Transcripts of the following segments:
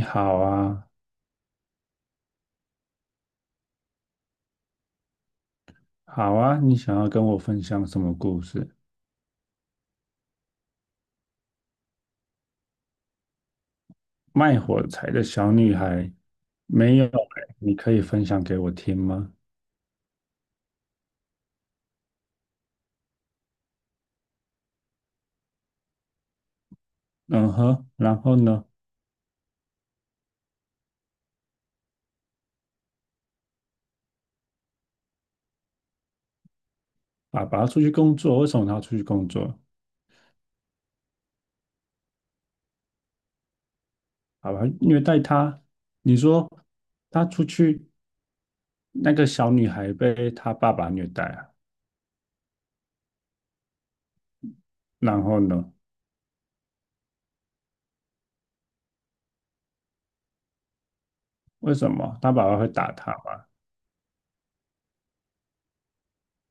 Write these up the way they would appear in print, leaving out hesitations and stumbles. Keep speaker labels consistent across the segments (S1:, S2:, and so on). S1: 你好啊，好啊，你想要跟我分享什么故事？卖火柴的小女孩，没有欸，你可以分享给我听吗？嗯哼，然后呢？爸爸出去工作，为什么他要出去工作？爸爸虐待他。你说他出去，那个小女孩被他爸爸虐待啊？然后呢？为什么他爸爸会打他吗？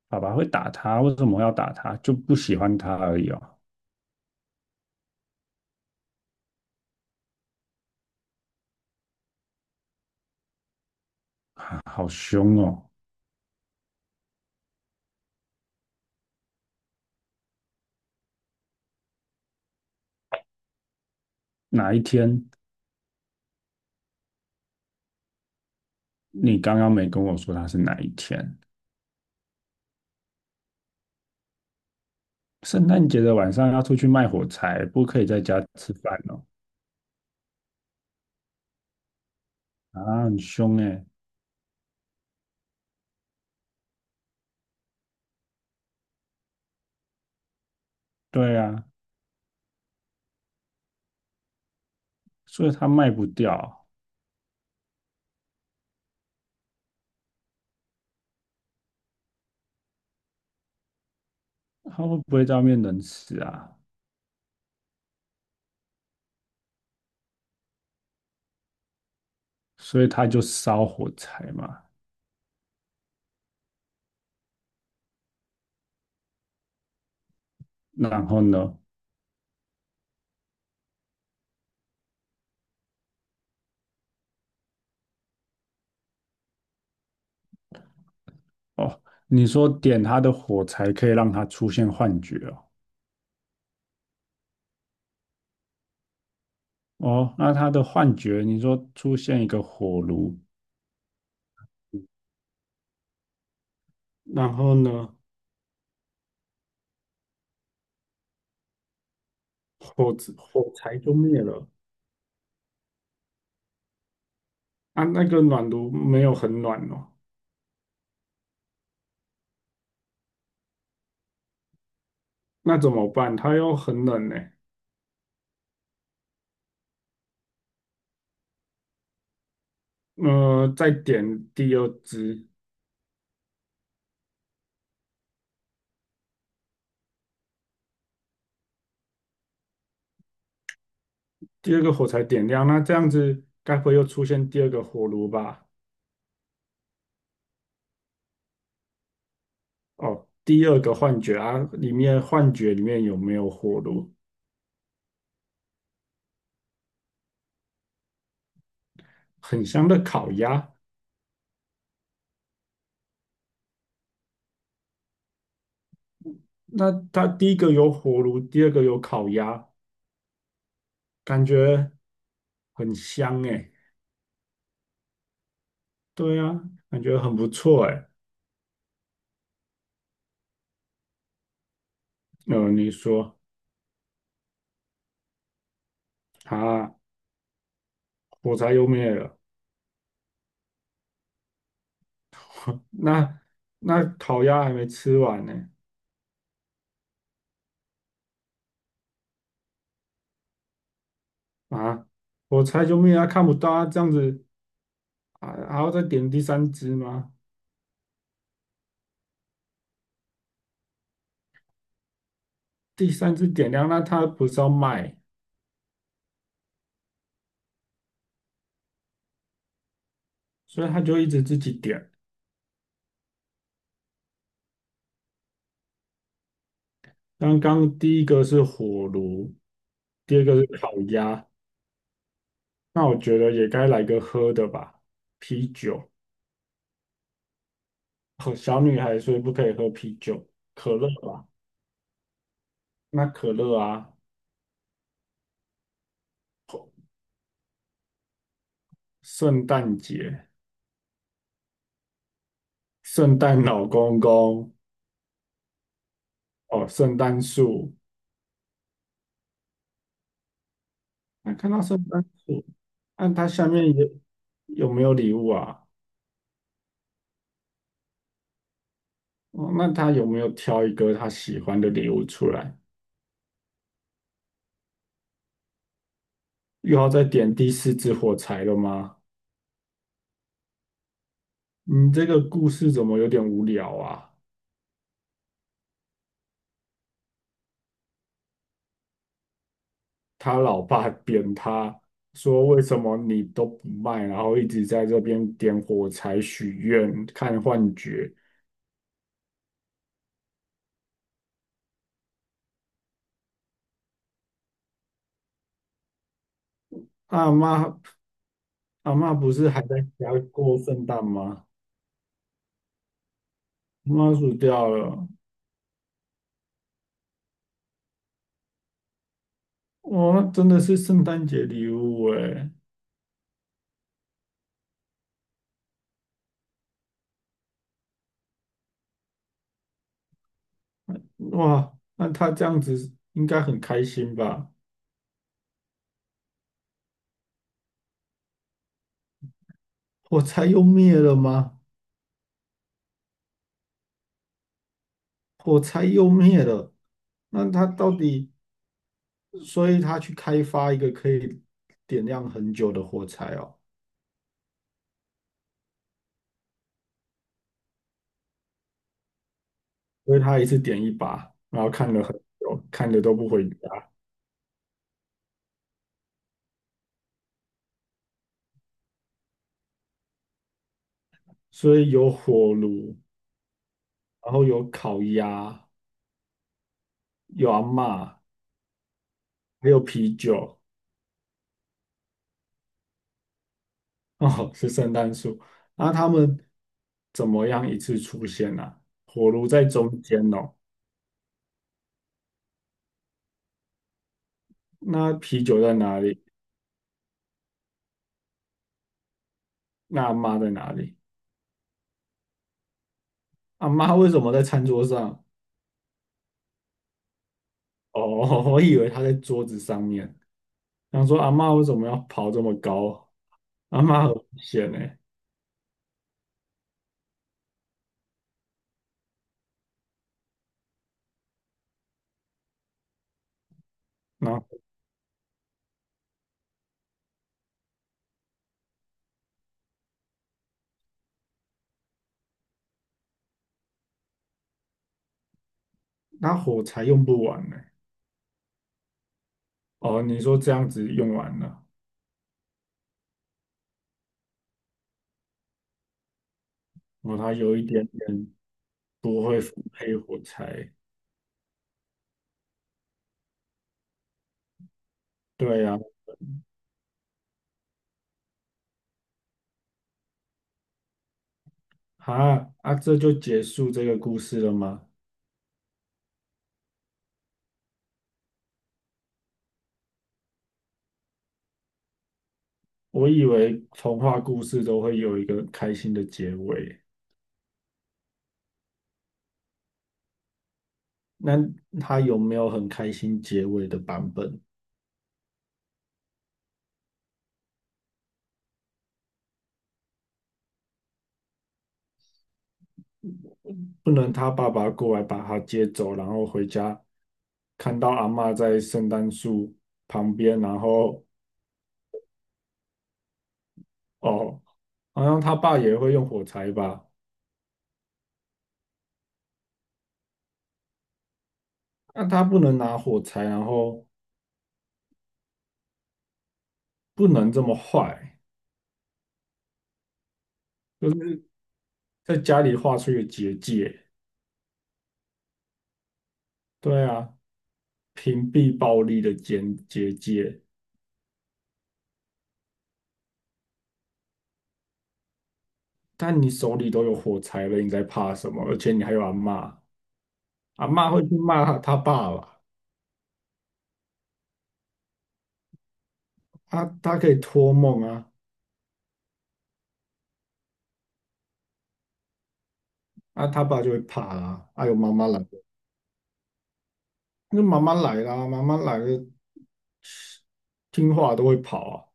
S1: 爸爸会打他，为什么要打他？就不喜欢他而已哦，啊好凶哦。哪一天？你刚刚没跟我说他是哪一天？圣诞节的晚上要出去卖火柴，不可以在家吃饭哦。啊，很凶诶。对啊，所以他卖不掉，他会不会在外面冷死啊？所以他就烧火柴嘛。然后呢？哦，你说点他的火柴可以让他出现幻觉哦。哦，那他的幻觉，你说出现一个火炉，然后呢，火柴就灭了啊，那个暖炉没有很暖哦。那怎么办？它又很冷呢、嗯，再点第二支，第二个火柴点亮，那这样子该不会又出现第二个火炉吧？哦，第二个幻觉啊，里面幻觉里面有没有火炉？很香的烤鸭。那它第一个有火炉，第二个有烤鸭，感觉很香诶。对啊，感觉很不错诶。嗯，你说啊，火柴又灭了，那那烤鸭还没吃完呢。啊，我猜救命啊！看不到啊，这样子啊，还要再点第三只吗？第三只点亮，那它不是要卖，所以它就一直自己点。刚刚第一个是火炉，第二个是烤鸭，那我觉得也该来个喝的吧，啤酒。和小女孩所以不可以喝啤酒，可乐吧？那可乐啊，圣诞节，圣诞老公公，哦，圣诞树。那看到圣诞树，那他下面有有没有礼物啊？哦，那他有没有挑一个他喜欢的礼物出来？又要再点第四支火柴了吗？你这个故事怎么有点无聊啊？他老爸扁他说：“为什么你都不卖，然后一直在这边点火柴许愿、看幻觉？”阿妈阿妈不是还在家过圣诞吗？阿妈死掉了，哇，那真的是圣诞节礼物诶。哇，那他这样子应该很开心吧？火柴又灭了吗？火柴又灭了，那他到底，所以他去开发一个可以点亮很久的火柴哦，所以他一次点一把，然后看了很久，看的都不回家，所以有火炉，然后有烤鸭，有阿嬷，还有啤酒，哦，是圣诞树。那他们怎么样一次出现呢、啊？火炉在中间哦。那啤酒在哪里？那阿妈在哪里？阿妈为什么在餐桌上？哦，我以为她在桌子上面。想说阿妈为什么要跑这么高？阿妈很危险呢、那那火柴用不完呢、哦，你说这样子用完了，哦，他有一点点不会分配火柴。对呀、啊，啊啊，这就结束这个故事了吗？我以为童话故事都会有一个开心的结尾。那他有没有很开心结尾的版本？不能他爸爸过来把他接走，然后回家看到阿嬷在圣诞树旁边，然后哦，好像他爸也会用火柴吧？那他不能拿火柴，然后不能这么坏，就是在家里画出一个结界。对啊，屏蔽暴力的结界。但你手里都有火柴了，你在怕什么？而且你还有阿嬷，阿嬷会去骂他爸吧。啊，他可以托梦啊，啊，他爸就会怕啦、啊，有妈妈来了，那妈妈来啦、妈妈来了，听话都会跑啊。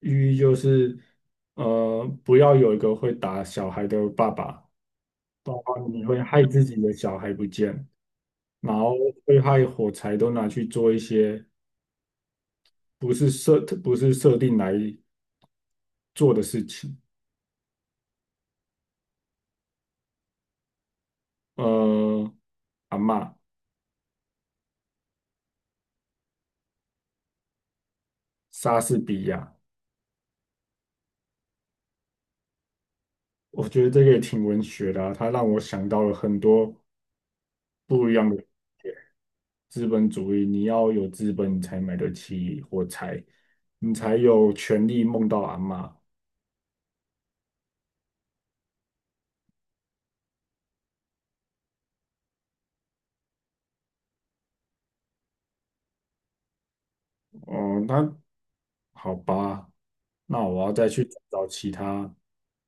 S1: 寓意就是，不要有一个会打小孩的爸爸，包括你会害自己的小孩不见，然后会害火柴都拿去做一些不是设定来做的事情。呃，阿嬷，莎士比亚我觉得这个也挺文学的啊，它让我想到了很多不一样的点资本主义。你要有资本，你才买得起火柴，你才有权利梦到阿嬷。哦、那好吧，那我要再去找其他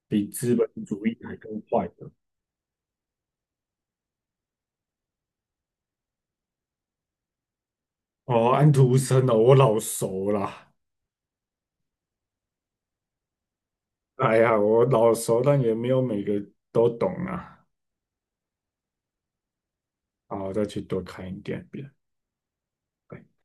S1: 比资本主义还更坏的。哦，安徒生哦，我老熟啦。哎呀，我老熟，但也没有每个都懂啊。好，我再去多看一点遍。拜